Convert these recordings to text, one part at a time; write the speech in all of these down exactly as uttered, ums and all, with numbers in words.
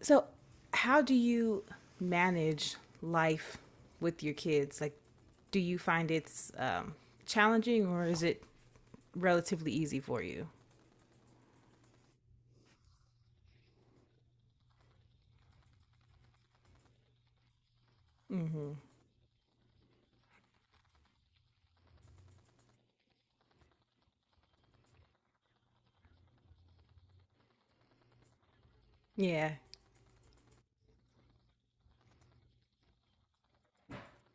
So, how do you manage life with your kids? Like, do you find it's um, challenging or is it relatively easy for you? Yeah.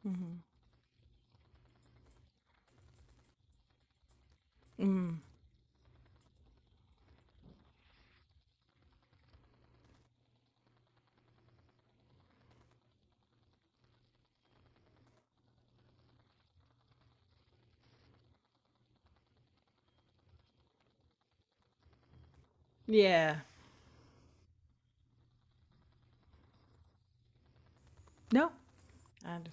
Mm-hmm. Mm. Yeah. No. I under-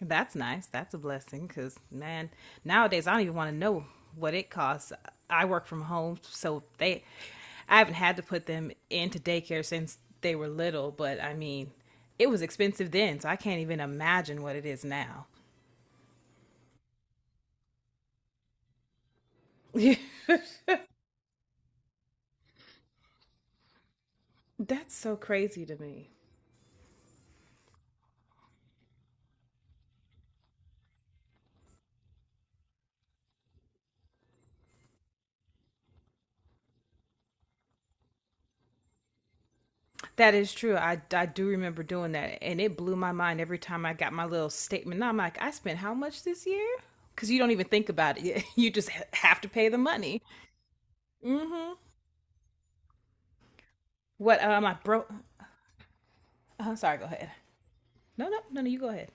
That's nice. That's a blessing because, man, nowadays I don't even want to know what it costs. I work from home, so they, I haven't had to put them into daycare since they were little, but I mean, it was expensive then, so I can't even imagine what it is now. That's so crazy to me. That is true. I, I do remember doing that, and it blew my mind every time I got my little statement. Now I'm like, I spent how much this year? Because you don't even think about it. You just ha- have to pay the money. What um, I broke I'm sorry. Go ahead. No, no, no, no. You go ahead.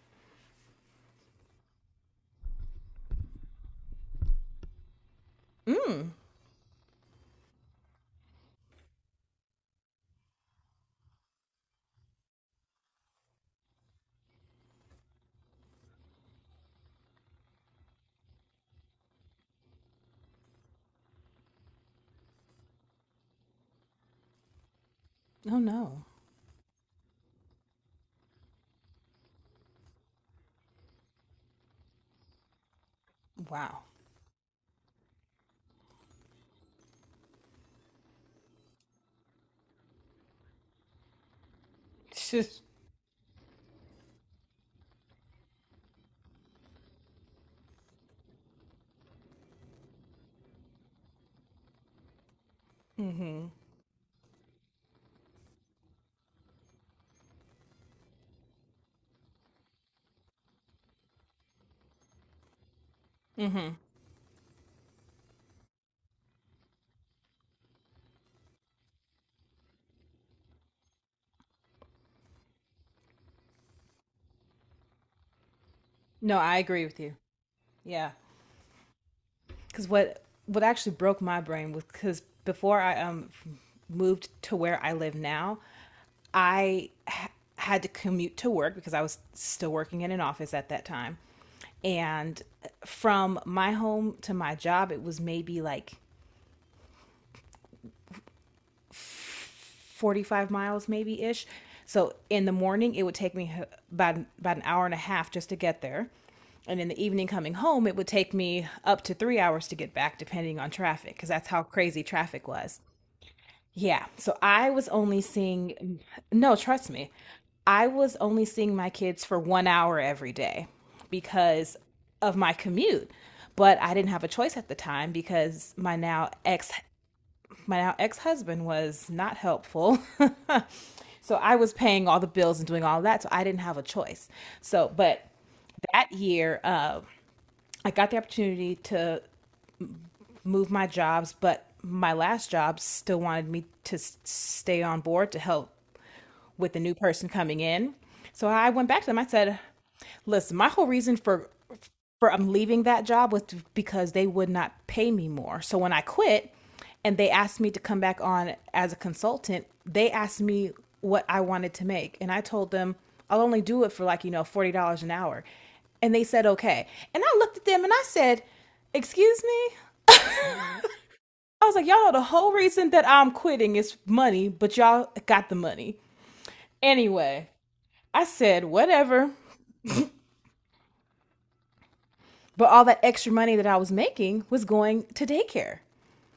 Oh no. Wow. Just no, I agree with you. Yeah, because what what actually broke my brain was because before I um moved to where I live now, I ha- had to commute to work because I was still working in an office at that time, and from my home to my job, it was maybe like forty-five miles maybe ish. So in the morning, it would take me about, about an hour and a half just to get there. And in the evening, coming home, it would take me up to three hours to get back, depending on traffic, because that's how crazy traffic was. Yeah. So I was only seeing, no, trust me, I was only seeing my kids for one hour every day because of my commute. But I didn't have a choice at the time because my now ex my now ex-husband was not helpful. So I was paying all the bills and doing all of that. So I didn't have a choice. So, but that year, uh, I got the opportunity to move my jobs, but my last job still wanted me to stay on board to help with the new person coming in. So I went back to them. I said, "Listen, my whole reason for for I'm leaving that job was to- because they would not pay me more. So when I quit and they asked me to come back on as a consultant, they asked me what I wanted to make and I told them I'll only do it for like, you know, forty dollars an hour." And they said, "Okay." And I looked at them and I said, "Excuse me?" I was like, "Y'all know the whole reason that I'm quitting is money, but y'all got the money." Anyway, I said, whatever. But all that extra money that I was making was going to daycare,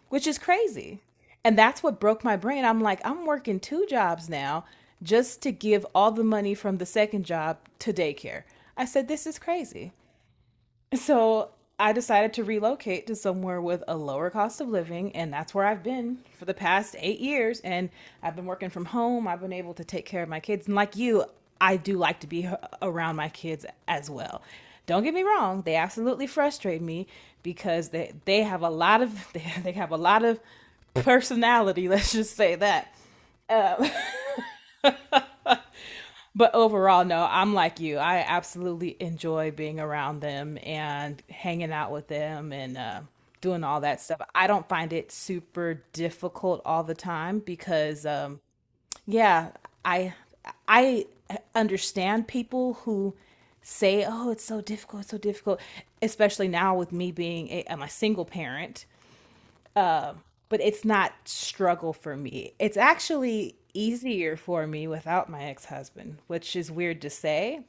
which is crazy. And that's what broke my brain. I'm like, I'm working two jobs now just to give all the money from the second job to daycare. I said, this is crazy. So I decided to relocate to somewhere with a lower cost of living, and that's where I've been for the past eight years. And I've been working from home. I've been able to take care of my kids, and like you, I do like to be around my kids as well. Don't get me wrong; they absolutely frustrate me because they they have a lot of they have a lot of personality. Let's just say that. But overall, no, I'm like you. I absolutely enjoy being around them and hanging out with them and uh, doing all that stuff. I don't find it super difficult all the time because, um, yeah, I I understand people who say, "Oh, it's so difficult, it's so difficult," especially now with me being a, I'm a single parent, but it's not struggle for me. It's actually easier for me without my ex-husband, which is weird to say.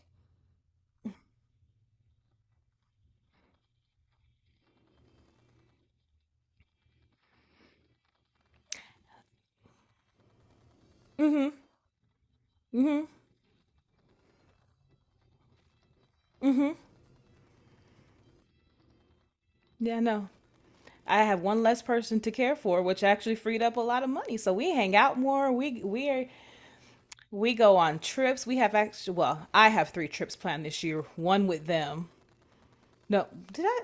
Yeah, no. I have one less person to care for, which actually freed up a lot of money. So we hang out more. We we are, we go on trips. We have actually, well, I have three trips planned this year. One with them. No, did I?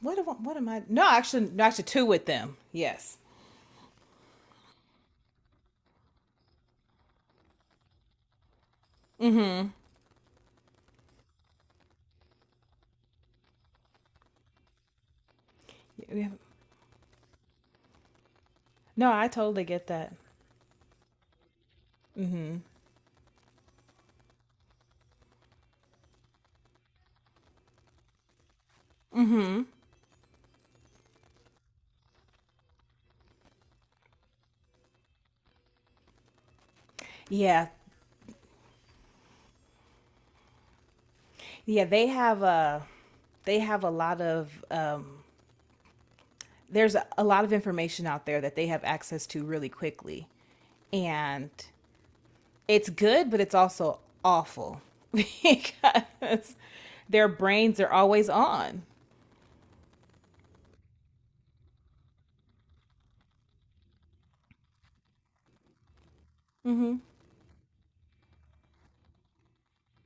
What am I- what am I? No, actually, no, actually two with them. Yes. No, I totally get that. Yeah. Yeah, they have a they have a lot of um, there's a, a lot of information out there that they have access to really quickly, and it's good, but it's also awful because their brains are always on.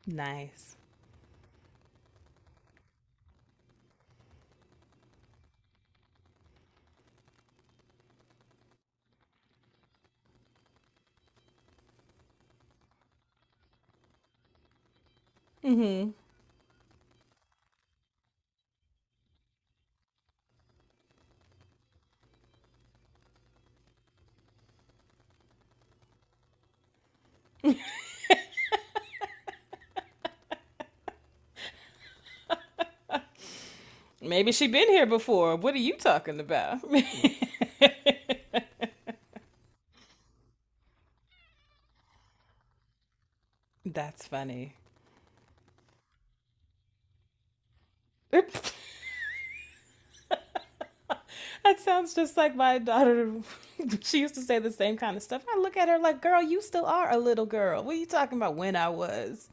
Nice. Maybe she been here before. What are you talking about? That's funny. That sounds just like my daughter. She used to say the same kind of stuff. I look at her like, girl, you still are a little girl. What are you talking about when I was?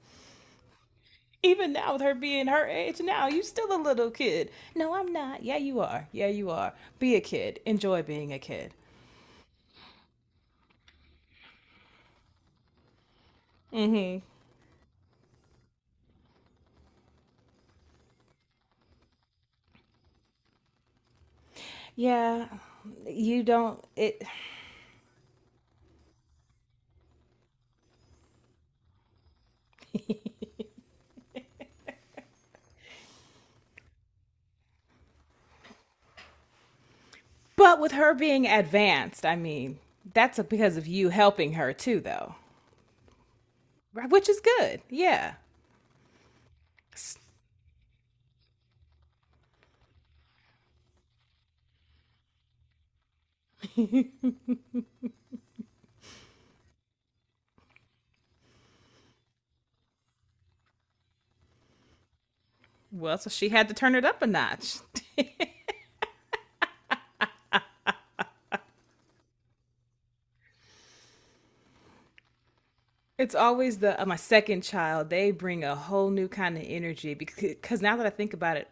Even now, with her being her age now, you still a little kid. No, I'm not. Yeah, you are. Yeah, you are. Be a kid. Enjoy being a kid. Mm-hmm. Yeah, you don't. It. But with her being advanced, I mean, that's because of you helping her too, though. Right, which is good. Yeah. Well, so she had to turn it up a notch. It's always the uh, my second child. They bring a whole new kind of energy because because now that I think about it,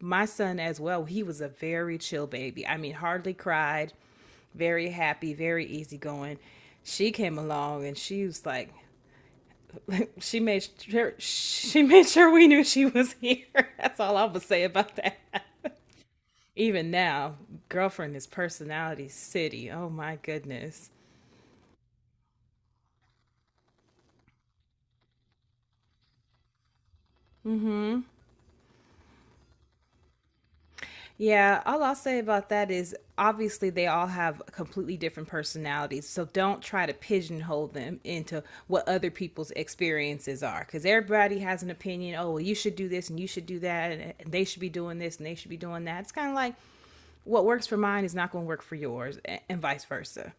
my son as well, he was a very chill baby. I mean, hardly cried, very happy, very easygoing. She came along and she was like, she made sure she made sure we knew she was here. That's all I would say about that. Even now, girlfriend is personality city. Oh my goodness. Yeah, all I'll say about that is obviously they all have completely different personalities. So don't try to pigeonhole them into what other people's experiences are because everybody has an opinion. Oh, well, you should do this and you should do that, and they should be doing this and they should be doing that. It's kind of like what works for mine is not going to work for yours, and vice versa.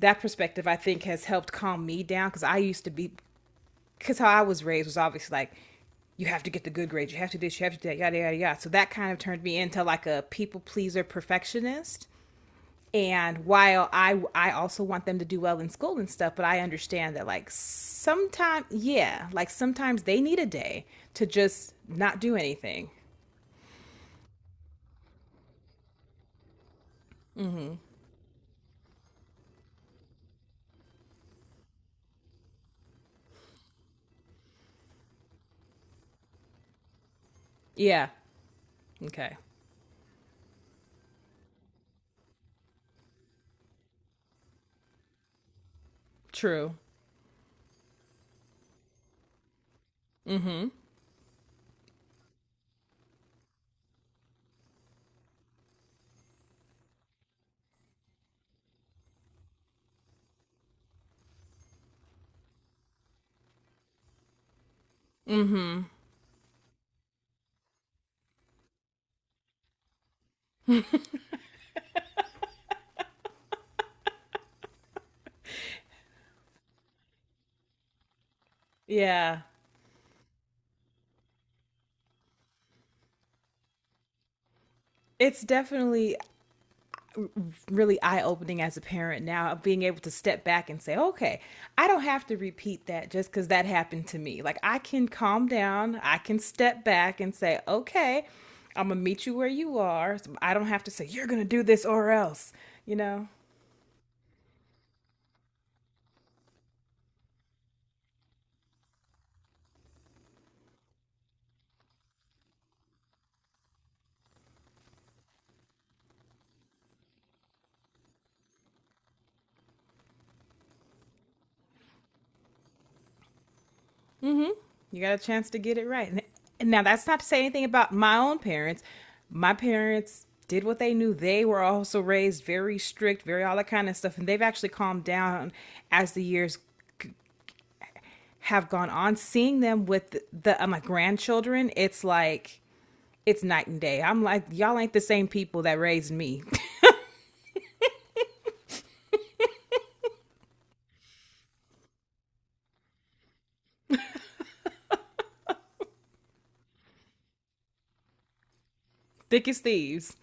That perspective, I think, has helped calm me down because I used to be because how I was raised was obviously like, you have to get the good grades, you have to do this, you have to do that, yada, yada, yada. So that kind of turned me into like a people pleaser perfectionist. And while I, I also want them to do well in school and stuff, but I understand that like sometimes, yeah, like sometimes they need a day to just not do anything. Yeah. Okay. True. Yeah. It's definitely really eye opening as a parent now of being able to step back and say, okay, I don't have to repeat that just because that happened to me. Like I can calm down, I can step back and say, okay, I'm gonna meet you where you are. So I don't have to say, you're gonna do this or else. You know, you got a chance to get it right. And now that's not to say anything about my own parents. My parents did what they knew. They were also raised very strict, very all that kind of stuff, and they've actually calmed down as the years have gone on, seeing them with the uh, my grandchildren, it's like it's night and day. I'm like, y'all ain't the same people that raised me. Thick as thieves.